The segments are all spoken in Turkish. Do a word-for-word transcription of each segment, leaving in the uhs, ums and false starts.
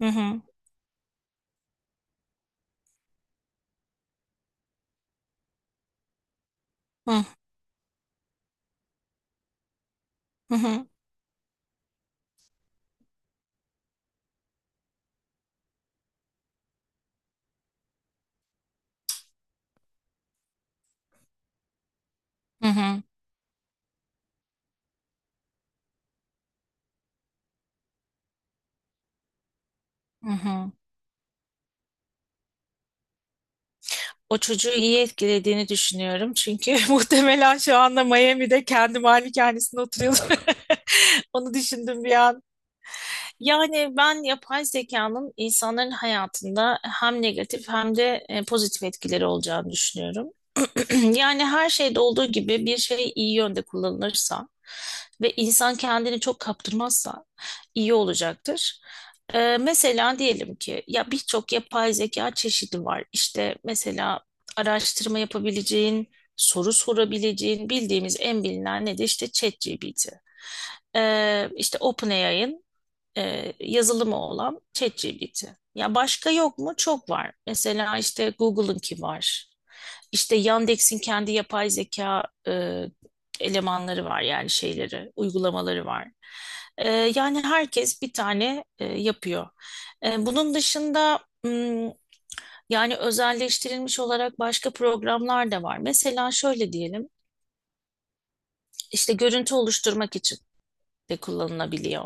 Hı hı. Hı hı hı hı hı. Hı hı. O çocuğu iyi etkilediğini düşünüyorum. Çünkü muhtemelen şu anda Miami'de kendi malikanesinde oturuyordur. Onu düşündüm bir an. Yani ben yapay zekanın insanların hayatında hem negatif hem de e, pozitif etkileri olacağını düşünüyorum. Yani her şeyde olduğu gibi bir şey iyi yönde kullanılırsa ve insan kendini çok kaptırmazsa iyi olacaktır. Ee, mesela diyelim ki ya birçok yapay zeka çeşidi var. İşte mesela araştırma yapabileceğin, soru sorabileceğin bildiğimiz en bilinen ne de işte ChatGPT. Ee, işte OpenAI'ın e, yazılımı olan ChatGPT. Ya başka yok mu? Çok var. Mesela işte Google'ınki var. İşte Yandex'in kendi yapay zeka e, elemanları var yani şeyleri, uygulamaları var. E, Yani herkes bir tane e, yapıyor. E, bunun dışında hmm, yani özelleştirilmiş olarak başka programlar da var. Mesela şöyle diyelim, işte görüntü oluşturmak için de kullanılabiliyor.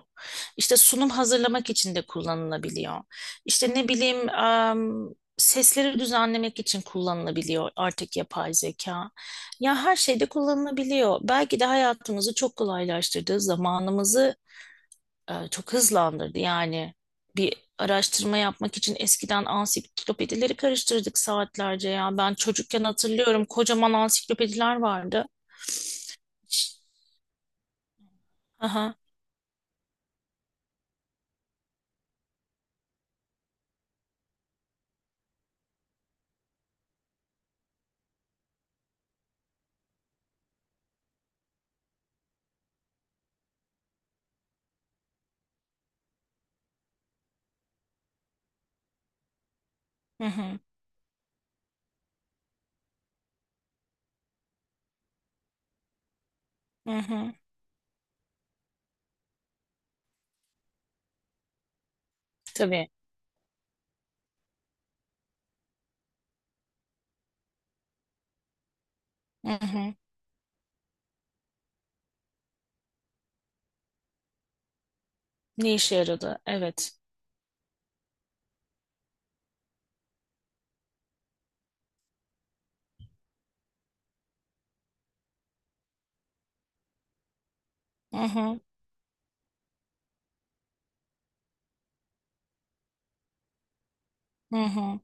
İşte sunum hazırlamak için de kullanılabiliyor. İşte ne bileyim em, sesleri düzenlemek için kullanılabiliyor artık yapay zeka. Ya her şeyde kullanılabiliyor. Belki de hayatımızı çok kolaylaştırdı, zamanımızı e, çok hızlandırdı. Yani bir araştırma yapmak için eskiden ansiklopedileri karıştırdık saatlerce ya. Ben çocukken hatırlıyorum kocaman ansiklopediler vardı. Aha, hı hı, hı hı. Tabii. Hı hı. Ne işe yaradı? Evet. Hı hı. Hı hı.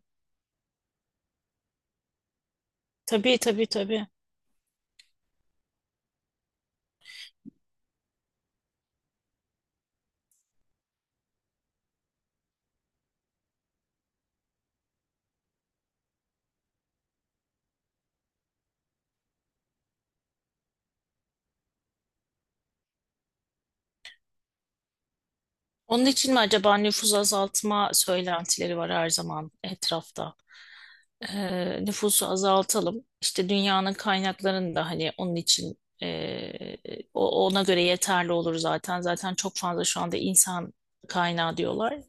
Tabii tabii tabii. Onun için mi acaba nüfus azaltma söylentileri var her zaman etrafta? Ee, nüfusu azaltalım. İşte dünyanın kaynaklarını da hani onun için e, o- ona göre yeterli olur zaten. Zaten çok fazla şu anda insan kaynağı diyorlar.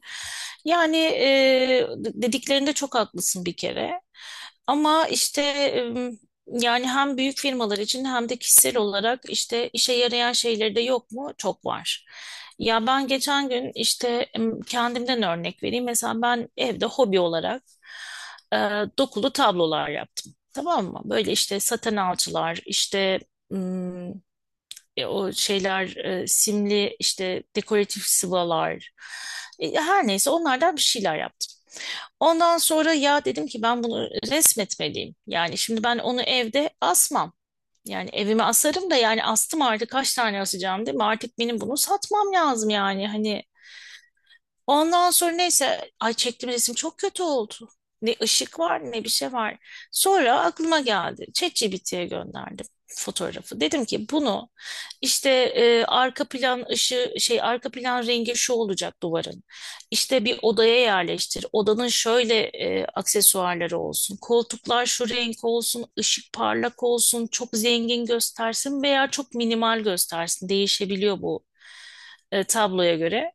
Yani e, dediklerinde çok haklısın bir kere. Ama işte e, yani hem büyük firmalar için hem de kişisel olarak işte işe yarayan şeyleri de yok mu? Çok var. Ya ben geçen gün işte em, kendimden örnek vereyim. Mesela ben evde hobi olarak e, dokulu tablolar yaptım. Tamam mı? Böyle işte saten alçılar, işte mm, e, o şeyler, e, simli işte dekoratif sıvalar. E, her neyse onlardan bir şeyler yaptım. Ondan sonra ya dedim ki ben bunu resmetmeliyim. Yani şimdi ben onu evde asmam. Yani evime asarım da yani astım artık kaç tane asacağım değil mi? Artık benim bunu satmam lazım yani. Hani. Ondan sonra neyse ay çektiğim resim çok kötü oldu. Ne ışık var ne bir şey var. Sonra aklıma geldi. ChatGPT'ye gönderdim fotoğrafı. Dedim ki bunu işte e, arka plan ışığı şey arka plan rengi şu olacak duvarın. İşte bir odaya yerleştir. Odanın şöyle e, aksesuarları olsun. Koltuklar şu renk olsun, ışık parlak olsun, çok zengin göstersin veya çok minimal göstersin. Değişebiliyor bu e, tabloya göre.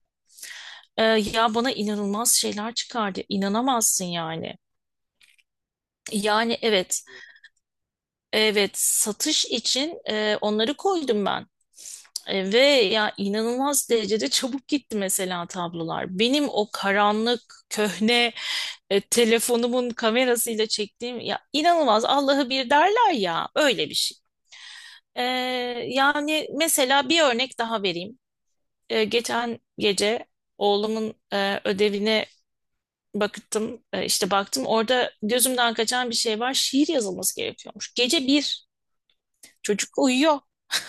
Ee, ya bana inanılmaz şeyler çıkardı. İnanamazsın yani. Yani evet, evet satış için e, onları koydum ben. E, ve ya inanılmaz derecede çabuk gitti mesela tablolar. Benim o karanlık, köhne e, telefonumun kamerasıyla çektiğim ya inanılmaz Allah'ı bir derler ya öyle bir şey. Ee, Yani mesela bir örnek daha vereyim. Ee, geçen gece oğlumun e, ödevini Baktım e, işte baktım orada gözümden kaçan bir şey var. Şiir yazılması gerekiyormuş. Gece bir çocuk uyuyor.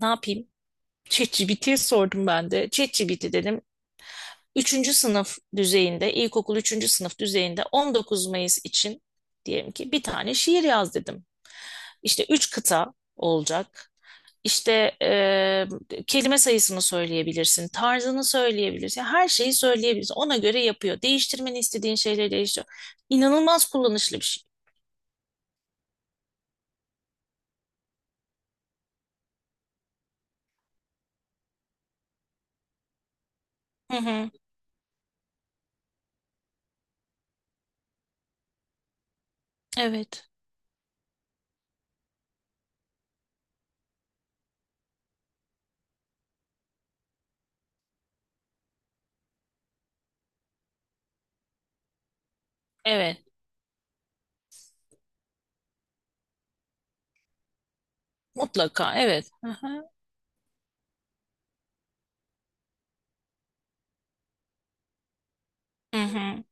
Ne yapayım? ChatGPT'ye sordum ben de. ChatGPT dedim. Üçüncü sınıf düzeyinde, ilkokul üçüncü sınıf düzeyinde 19 Mayıs için diyelim ki bir tane şiir yaz dedim. İşte üç kıta olacak. İşte eee, kelime sayısını söyleyebilirsin, tarzını söyleyebilirsin, her şeyi söyleyebilirsin. Ona göre yapıyor. Değiştirmeni istediğin şeyleri değiştiriyor. İnanılmaz kullanışlı bir şey. Hı hı. Evet, evet, mutlaka, evet. Hı hı. Hı hı.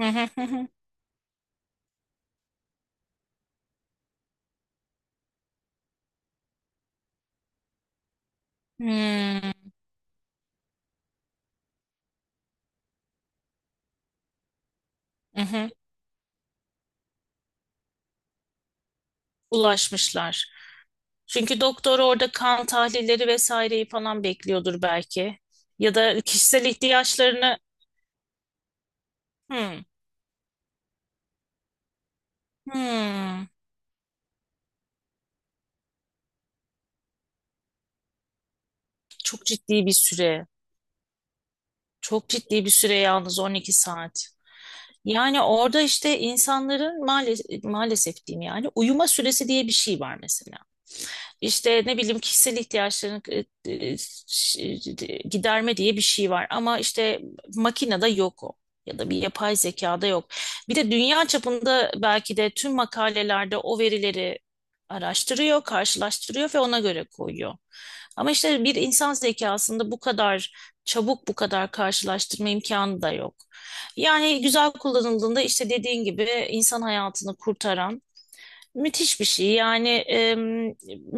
Hı hı. Hı hı. Hmm. Hı hı. Ulaşmışlar. Çünkü doktor orada kan tahlilleri vesaireyi falan bekliyordur belki. Ya da kişisel ihtiyaçlarını. Hmm. Hmm. Çok ciddi bir süre. Çok ciddi bir süre yalnız 12 saat. Yani orada işte insanların maalesef, maalesef diyeyim yani uyuma süresi diye bir şey var mesela. İşte ne bileyim kişisel ihtiyaçlarını e, e, ş- e, giderme diye bir şey var. Ama işte makinede yok o. Ya da bir yapay zekada yok. Bir de dünya çapında belki de tüm makalelerde o verileri araştırıyor, karşılaştırıyor ve ona göre koyuyor. Ama işte bir insan zekasında bu kadar çabuk, bu kadar karşılaştırma imkanı da yok. Yani güzel kullanıldığında işte dediğin gibi insan hayatını kurtaran müthiş bir şey. Yani em,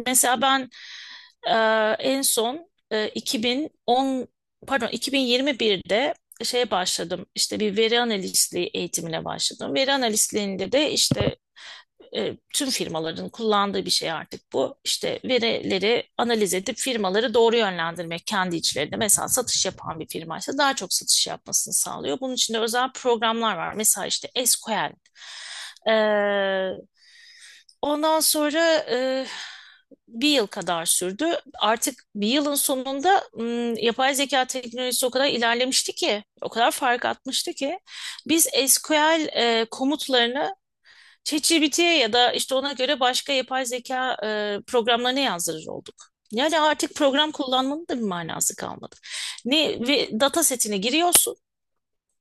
mesela ben e, en son e, iki bin on pardon iki bin yirmi birde şeye başladım. İşte bir veri analistliği eğitimine başladım. Veri analistliğinde de işte e, tüm firmaların kullandığı bir şey artık bu. İşte verileri analiz edip firmaları doğru yönlendirmek kendi içlerinde. Mesela satış yapan bir firmaysa daha çok satış yapmasını sağlıyor. Bunun için de özel programlar var. Mesela işte S Q L. Ee, Ondan sonra e, bir yıl kadar sürdü. Artık bir yılın sonunda m, yapay zeka teknolojisi o kadar ilerlemişti ki, o kadar fark atmıştı ki biz S Q L e, komutlarını ChatGPT'ye ya da işte ona göre başka yapay zeka e, programlarına yazdırır olduk. Yani artık program kullanmanın da bir manası kalmadı. Ne ve data setine giriyorsun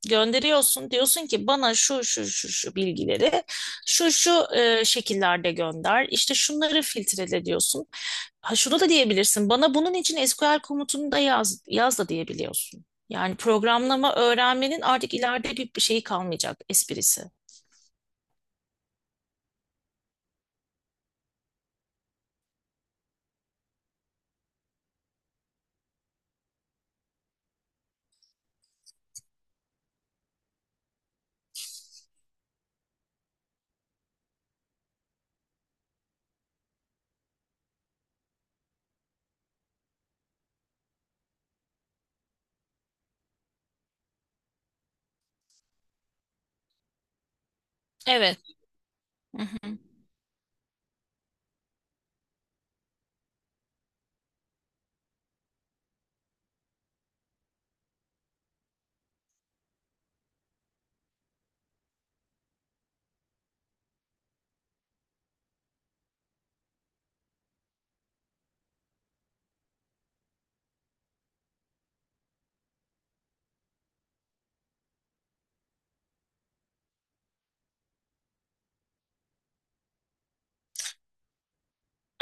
gönderiyorsun. Diyorsun ki bana şu şu şu şu bilgileri şu şu e, şekillerde gönder. İşte şunları filtrele diyorsun. Ha, şunu da diyebilirsin. Bana bunun için S Q L komutunu da yaz, yaz da diyebiliyorsun. Yani programlama öğrenmenin artık ileride bir, bir şeyi kalmayacak esprisi. Evet. Hı hı.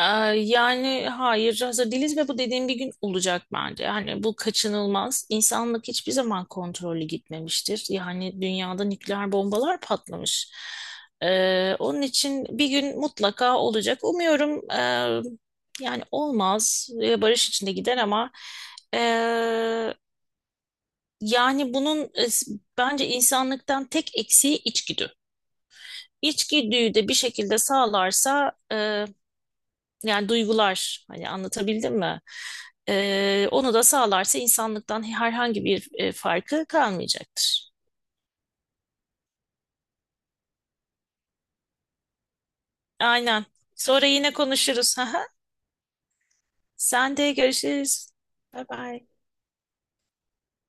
Ee, Yani hayır hazır değiliz ve bu dediğim bir gün olacak bence. Yani bu kaçınılmaz. İnsanlık hiçbir zaman kontrollü gitmemiştir. Yani dünyada nükleer bombalar patlamış. Ee, onun için bir gün mutlaka olacak. Umuyorum e, yani olmaz ve barış içinde gider ama e, yani bunun e, s- bence insanlıktan tek eksiği içgüdü. İçgüdüyü de bir şekilde sağlarsa yani duygular hani anlatabildim mi? Ee, onu da sağlarsa insanlıktan herhangi bir e, farkı kalmayacaktır. Aynen. Sonra yine konuşuruz. Aha. Sen de görüşürüz. Bye bye.